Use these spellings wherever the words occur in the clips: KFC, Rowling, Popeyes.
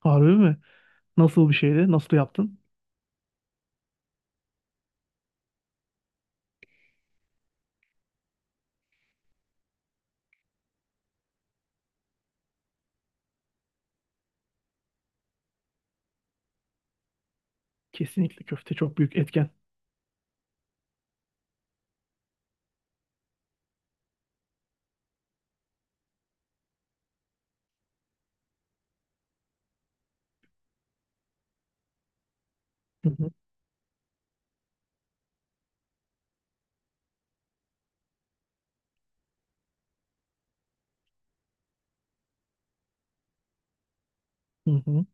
Harbi mi? Nasıl bir şeydi? Nasıl yaptın? Kesinlikle köfte çok büyük etken. Hı hı. Hı hı.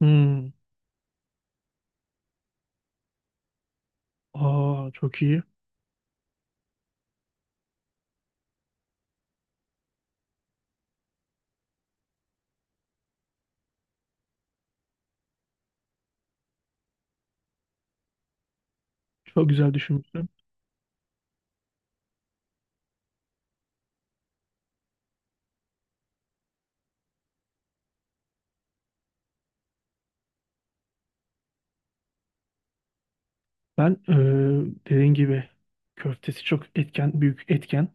Hmm. Aa, çok iyi. Çok güzel düşünmüşsün. Ben dediğin gibi köftesi çok etken, büyük etken.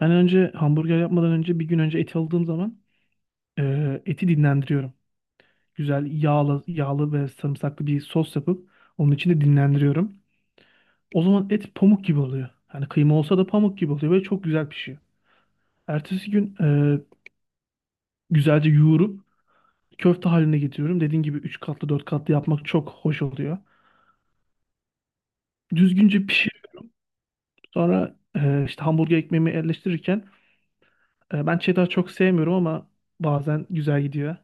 Ben önce hamburger yapmadan önce bir gün önce eti aldığım zaman eti dinlendiriyorum. Güzel yağlı, yağlı ve sarımsaklı bir sos yapıp onun içinde dinlendiriyorum. O zaman et pamuk gibi oluyor. Hani kıyma olsa da pamuk gibi oluyor ve çok güzel pişiyor. Ertesi gün güzelce yoğurup köfte haline getiriyorum. Dediğin gibi 3 katlı 4 katlı yapmak çok hoş oluyor. Düzgünce pişir. Sonra işte hamburger ekmeğimi yerleştirirken ben cheddar çok sevmiyorum ama bazen güzel gidiyor.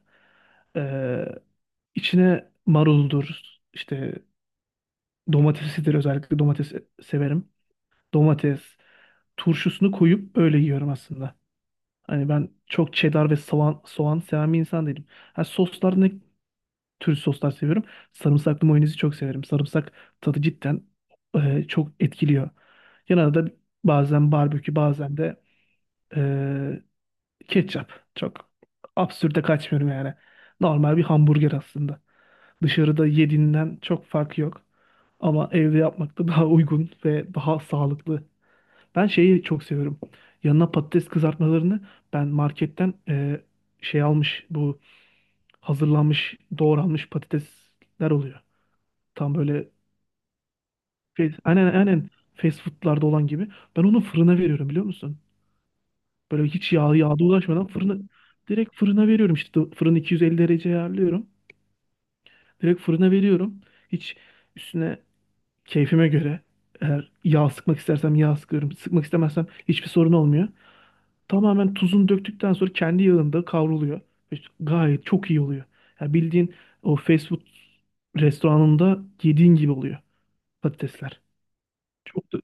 E, içine maruldur, işte domatesidir, özellikle domates severim. Domates, turşusunu koyup öyle yiyorum aslında. Hani ben çok cheddar ve soğan, soğan seven bir insan değilim. Ha, soslar ne, Türk soslar seviyorum. Sarımsaklı mayonezi çok severim. Sarımsak tadı cidden çok etkiliyor. Yanına da bazen barbekü bazen de e, ketçap. Çok absürde kaçmıyorum yani. Normal bir hamburger aslında. Dışarıda yediğinden çok farkı yok. Ama evde yapmak da daha uygun ve daha sağlıklı. Ben şeyi çok seviyorum. Yanına patates kızartmalarını ben marketten şey almış, bu hazırlanmış doğranmış patatesler oluyor. Tam böyle aynen, fast food'larda olan gibi. Ben onu fırına veriyorum, biliyor musun? Böyle hiç yağ ulaşmadan fırına, direkt fırına veriyorum, işte fırını 250 derece ayarlıyorum. Direkt fırına veriyorum. Hiç üstüne, keyfime göre, eğer yağ sıkmak istersem yağ sıkıyorum. Sıkmak istemezsem hiçbir sorun olmuyor. Tamamen tuzunu döktükten sonra kendi yağında kavruluyor. İşte gayet çok iyi oluyor. Yani bildiğin o fast food restoranında yediğin gibi oluyor patatesler. Çok da.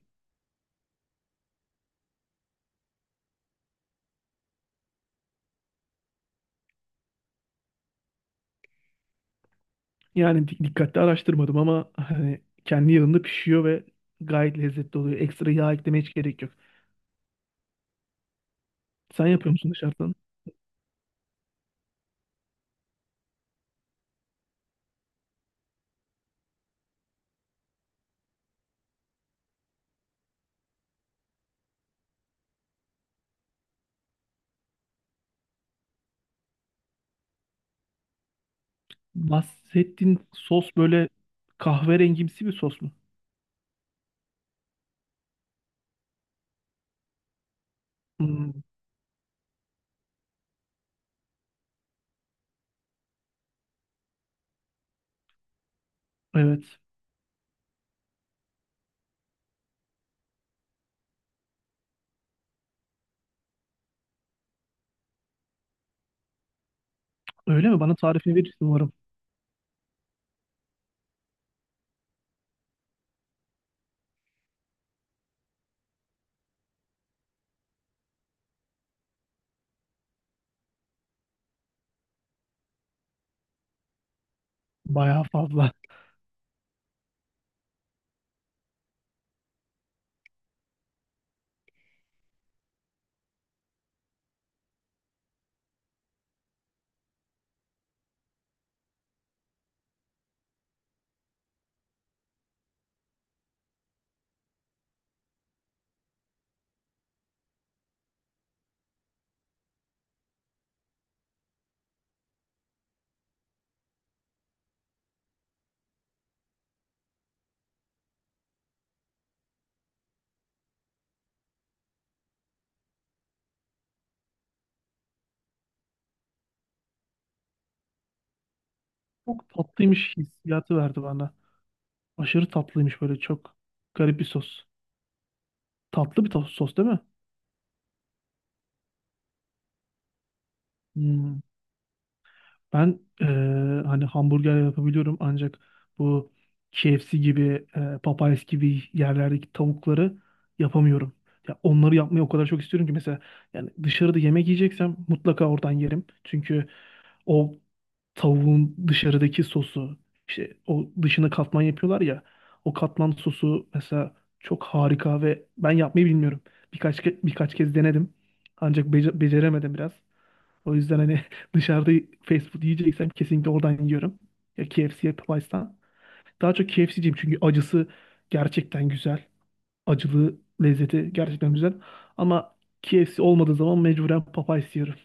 Yani dikkatli araştırmadım ama hani kendi yağında pişiyor ve gayet lezzetli oluyor. Ekstra yağ eklemeye hiç gerek yok. Sen yapıyor musun dışarıdan? Bahsettiğin sos böyle kahverengimsi bir sos mu? Hmm, evet. Öyle mi? Bana tarifini verirsin umarım. Bayağı fazla. Çok tatlıymış, hissiyatı verdi bana. Aşırı tatlıymış, böyle çok garip bir sos. Tatlı bir sos değil mi? Hmm. Ben hani hamburger yapabiliyorum ancak bu KFC gibi, Popeyes gibi yerlerdeki tavukları yapamıyorum. Ya onları yapmayı o kadar çok istiyorum ki, mesela yani dışarıda yemek yiyeceksem mutlaka oradan yerim. Çünkü o tavuğun dışarıdaki sosu, işte o dışına katman yapıyorlar ya, o katman sosu mesela çok harika ve ben yapmayı bilmiyorum. Birkaç kez denedim ancak beceremedim biraz. O yüzden hani dışarıda fast food yiyeceksem kesinlikle oradan yiyorum. Ya KFC ya Popeyes'tan. Daha çok KFC'ciyim çünkü acısı gerçekten güzel. Acılı lezzeti gerçekten güzel. Ama KFC olmadığı zaman mecburen Popeyes yiyorum.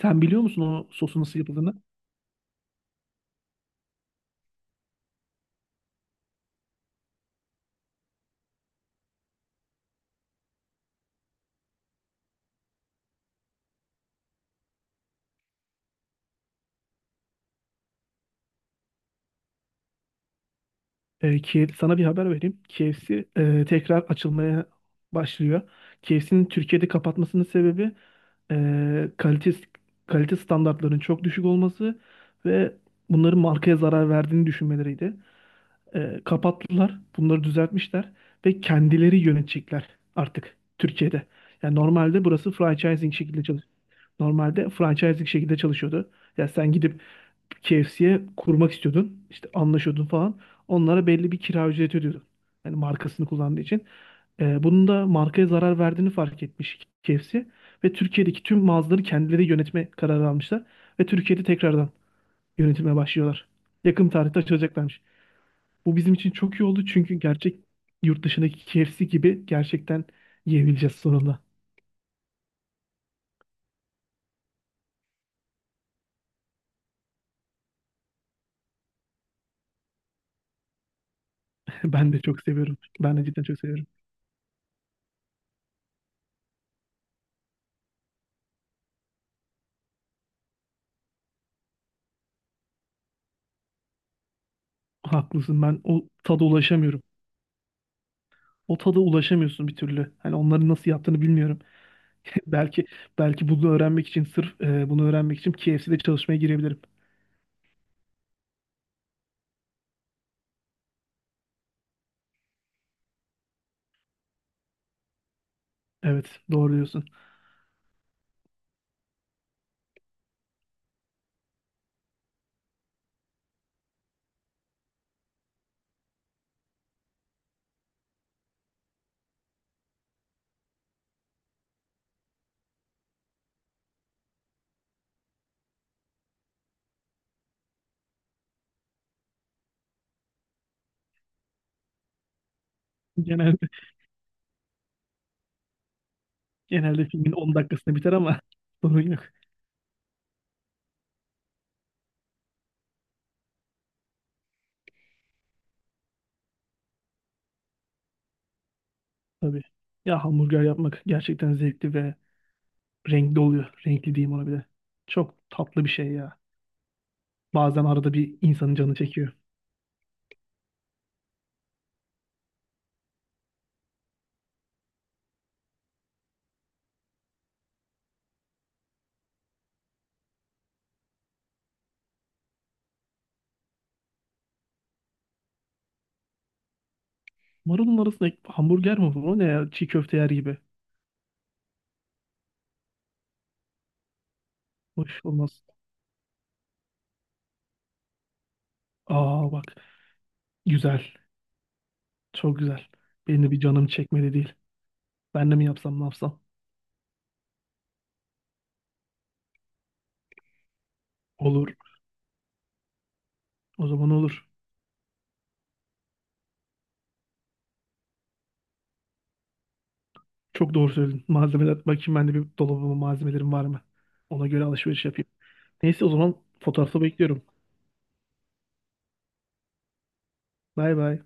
Sen biliyor musun o sosu nasıl yapıldığını? Kiev, sana bir haber vereyim. KFC tekrar açılmaya başlıyor. KFC'nin Türkiye'de kapatmasının sebebi e, kalite kalite standartlarının çok düşük olması ve bunların markaya zarar verdiğini düşünmeleriydi. Kapattılar, bunları düzeltmişler ve kendileri yönetecekler artık Türkiye'de. Yani normalde burası franchising şekilde çalış. Normalde franchising şekilde çalışıyordu. Ya sen gidip KFC'ye kurmak istiyordun. İşte anlaşıyordun falan. Onlara belli bir kira ücreti ödüyordun. Yani markasını kullandığı için. Bunun da markaya zarar verdiğini fark etmiş KFC. Ve Türkiye'deki tüm mağazaları kendileri yönetme kararı almışlar. Ve Türkiye'de tekrardan yönetime başlıyorlar. Yakın tarihte açılacaklarmış. Bu bizim için çok iyi oldu çünkü gerçek yurt dışındaki KFC gibi gerçekten yiyebileceğiz sonunda. Ben de çok seviyorum. Ben de cidden çok seviyorum. Haklısın. Ben o tada ulaşamıyorum. O tada ulaşamıyorsun bir türlü. Hani onların nasıl yaptığını bilmiyorum. Belki, belki bunu öğrenmek için, sırf bunu öğrenmek için KFC'de çalışmaya girebilirim. Evet, doğru diyorsun. Genelde genelde filmin 10 dakikasında biter ama sorun yok tabii. Ya hamburger yapmak gerçekten zevkli ve renkli oluyor. Renkli diyeyim ona bile. Çok tatlı bir şey ya. Bazen arada bir insanın canı çekiyor. Marulun arasında hamburger mi bu? O ne ya? Çiğ köfte yer gibi. Hoş olmaz. Aa bak. Güzel. Çok güzel. Benim de bir canım çekmedi değil. Ben de mi yapsam, ne yapsam? Olur. O zaman olur. Çok doğru söyledin. Malzemeler. Bakayım ben de bir, dolabıma malzemelerim var mı? Ona göre alışveriş yapayım. Neyse, o zaman fotoğrafı bekliyorum. Bay bay.